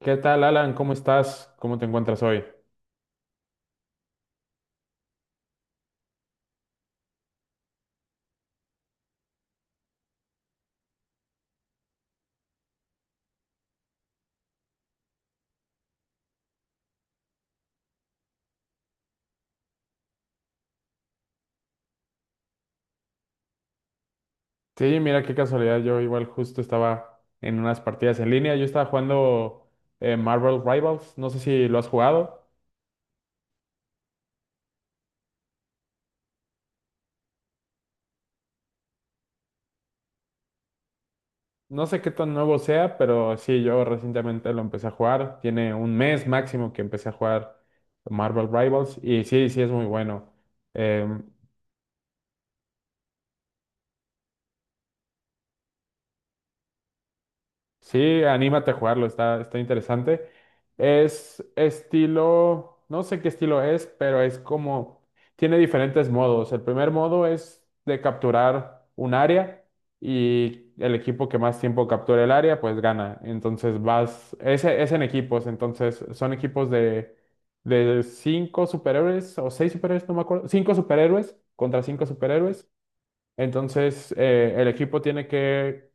¿Qué tal, Alan? ¿Cómo estás? ¿Cómo te encuentras hoy? Sí, mira qué casualidad. Yo igual justo estaba en unas partidas en línea. Yo estaba jugando Marvel Rivals. No sé si lo has jugado. No sé qué tan nuevo sea, pero sí, yo recientemente lo empecé a jugar. Tiene un mes máximo que empecé a jugar Marvel Rivals. Y sí, sí, es muy bueno. Em, Sí, anímate a jugarlo, está interesante. Es estilo, no sé qué estilo es, pero tiene diferentes modos. El primer modo es de capturar un área y el equipo que más tiempo capture el área, pues gana. Entonces es en equipos, entonces son equipos de cinco superhéroes o seis superhéroes, no me acuerdo, cinco superhéroes contra cinco superhéroes. Entonces el equipo tiene que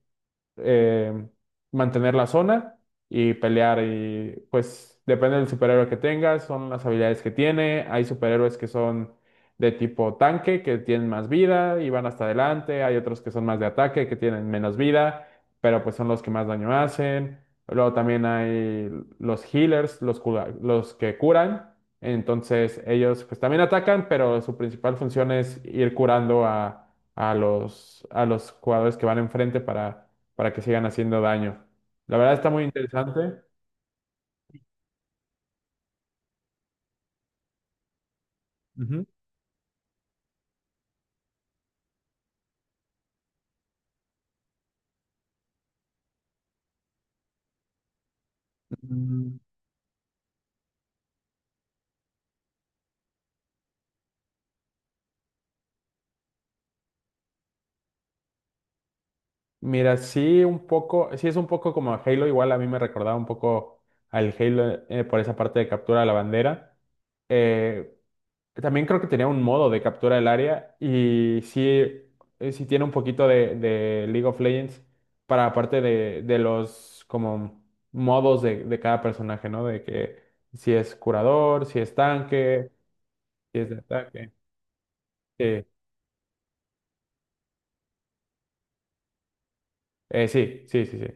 eh, mantener la zona y pelear. Y pues depende del superhéroe que tengas, son las habilidades que tiene. Hay superhéroes que son de tipo tanque, que tienen más vida y van hasta adelante. Hay otros que son más de ataque, que tienen menos vida, pero pues son los que más daño hacen. Luego también hay los healers, los que curan. Entonces ellos pues también atacan, pero su principal función es ir curando a a los jugadores que van enfrente para que sigan haciendo daño. La verdad está muy interesante. Ujú. Mm, Mira, sí, un poco, sí es un poco como Halo, igual a mí me recordaba un poco al Halo por esa parte de captura de la bandera. Eh, también creo que tenía un modo de captura del área y sí, sí tiene un poquito de League of Legends para la parte de los como modos de cada personaje, ¿no? De que si es curador, si es tanque, si es de ataque. Sí. Sí.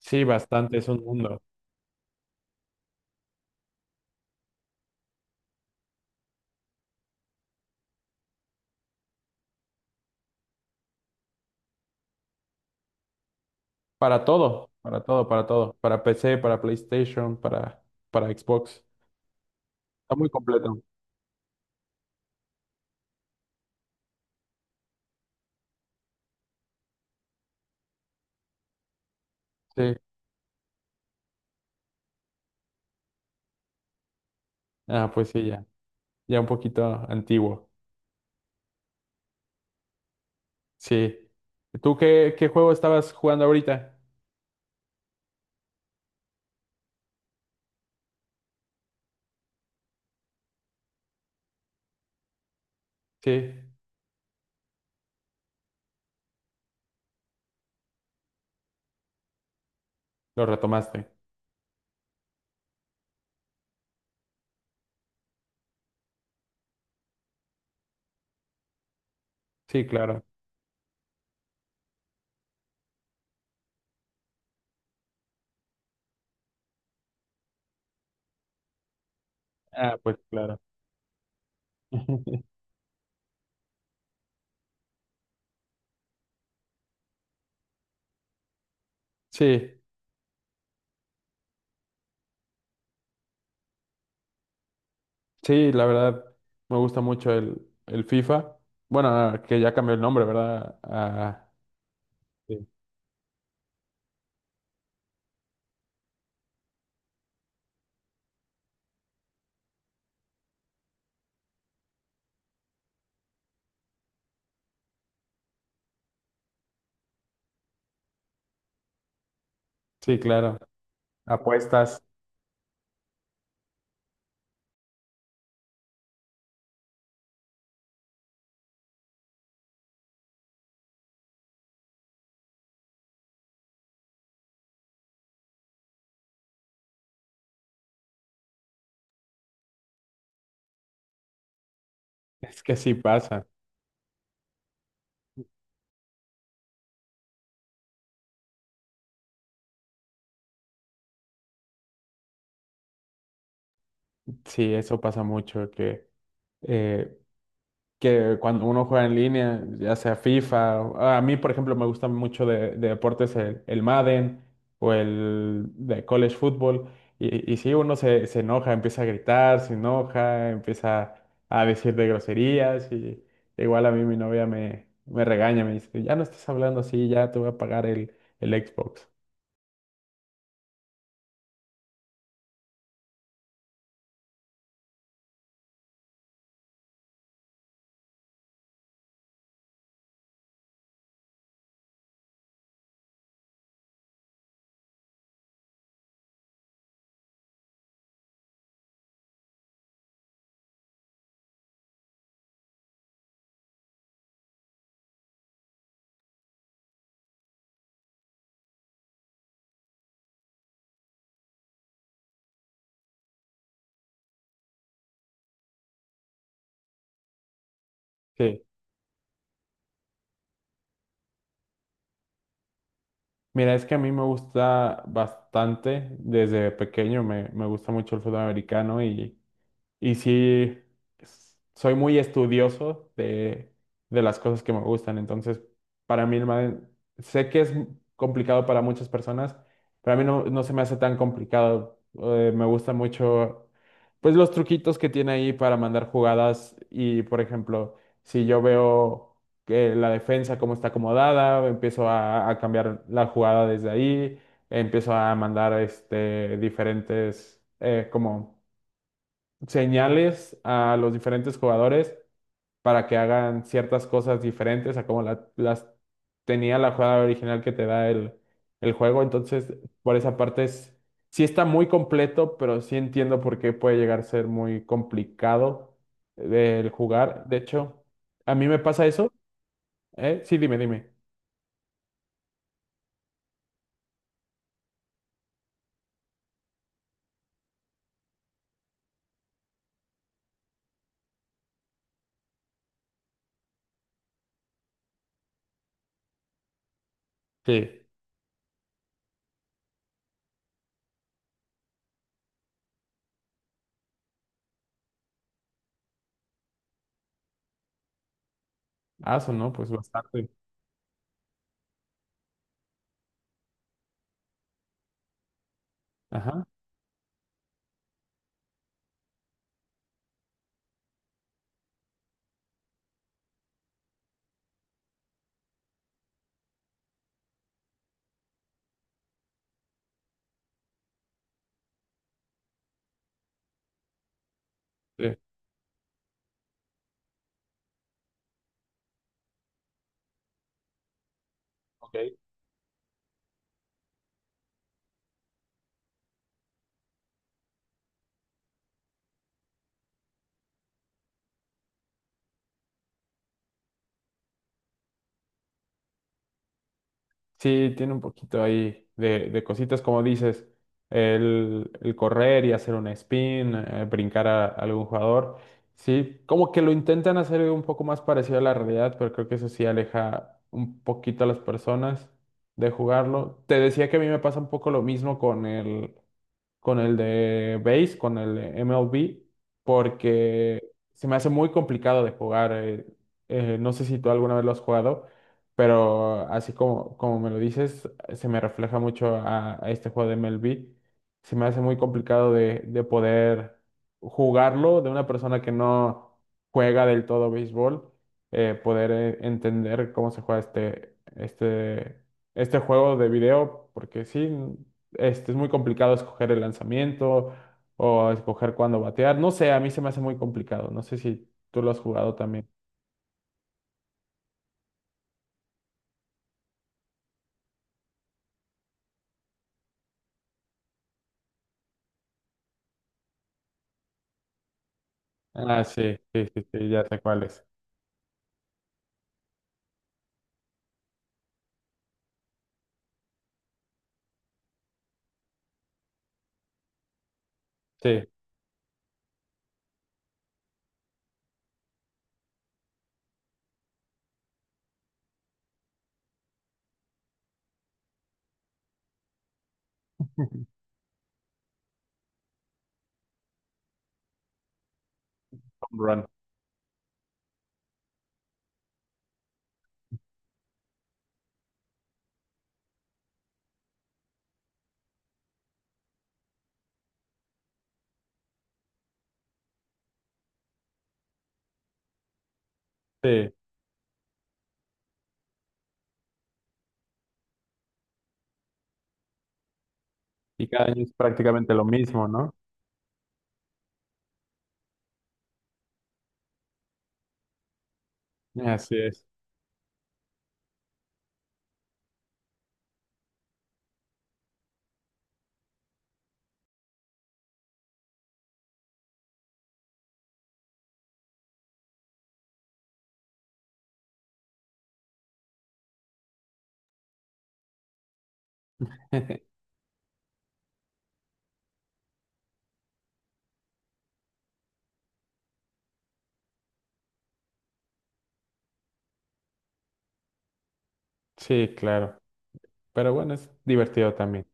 Sí, bastante, es un mundo. Para todo, para todo, para todo. Para PC, para PlayStation, para Xbox. Está muy completo. Sí. Ah, pues sí, ya. Ya un poquito antiguo. Sí. ¿ Qué juego estabas jugando ahorita? Sí, lo retomaste. Sí, claro. Ah, pues claro. Sí, sí, la verdad, me gusta mucho el FIFA. Bueno, ah, que ya cambió el nombre, ¿verdad? Ah, sí, sí, claro. Apuestas. Es que sí pasa, sí, eso pasa mucho, eh, que cuando uno juega en línea, ya sea FIFA, o- a mí por ejemplo me gusta mucho de deportes el Madden o el de college football, y sí, se enoja, empieza a gritar, se enoja, empieza a decir de groserías, y igual a mí mi novia me regaña, me dice, ya no estás hablando así, ya te voy a pagar el Xbox. Sí. Mira, es que a mí me gusta bastante, desde pequeño me gusta mucho el fútbol americano y sí, s- soy muy estudioso de las cosas que me gustan. Entonces, para mí, el ma- sé que es complicado para muchas personas, pero a mí no, no se me hace tan complicado. Me gusta mucho, pues, los truquitos que tiene ahí para mandar jugadas. Y, por ejemplo, si yo veo que la defensa cómo está acomodada, empiezo a cambiar la jugada desde ahí, empiezo a mandar este, diferentes, como señales a los diferentes jugadores para que hagan ciertas cosas diferentes a como la- las tenía la jugada original que te da el juego. Entonces, por esa parte es, sí está muy completo, pero sí entiendo por qué puede llegar a ser muy complicado del jugar. De hecho, a mí me pasa eso, ¿eh? Sí, dime, dime. Sí. Ah, eso no, pues bastante. Ajá. Sí. Ok. Sí, tiene un poquito ahí de cositas, como dices, el correr y hacer un spin, brincar a algún jugador. Sí, como que lo intentan hacer un poco más parecido a la realidad, pero creo que eso sí aleja un poquito a las personas de jugarlo. Te decía que a mí me pasa un poco lo mismo con con el de Base, con el de MLB, porque se me hace muy complicado de jugar. No sé si tú alguna vez lo has jugado, pero así como, como me lo dices, se me refleja mucho a este juego de MLB. Se me hace muy complicado de poder jugarlo de una persona que no juega del todo béisbol, poder entender cómo se juega este juego de video, porque sí este, es muy complicado escoger el lanzamiento o escoger cuándo batear. No sé, a mí se me hace muy complicado. No sé si tú lo has jugado también. Ah, sí, sí, sí, sí, ya sé cuál es. Sí, home run. Sí, y cada año es prácticamente lo mismo, ¿no? Así es. Sí, claro. Pero bueno, es divertido también.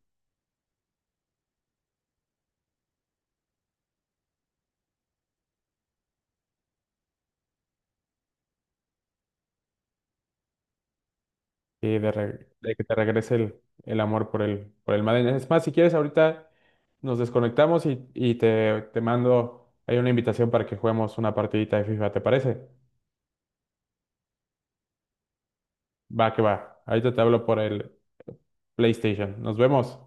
Y de, re- de que te regrese el amor por el Madden. Es más, si quieres, ahorita nos desconectamos y te mando, hay una invitación para que juguemos una partidita de FIFA, ¿te parece? Va que va. Ahorita te hablo por el PlayStation. Nos vemos.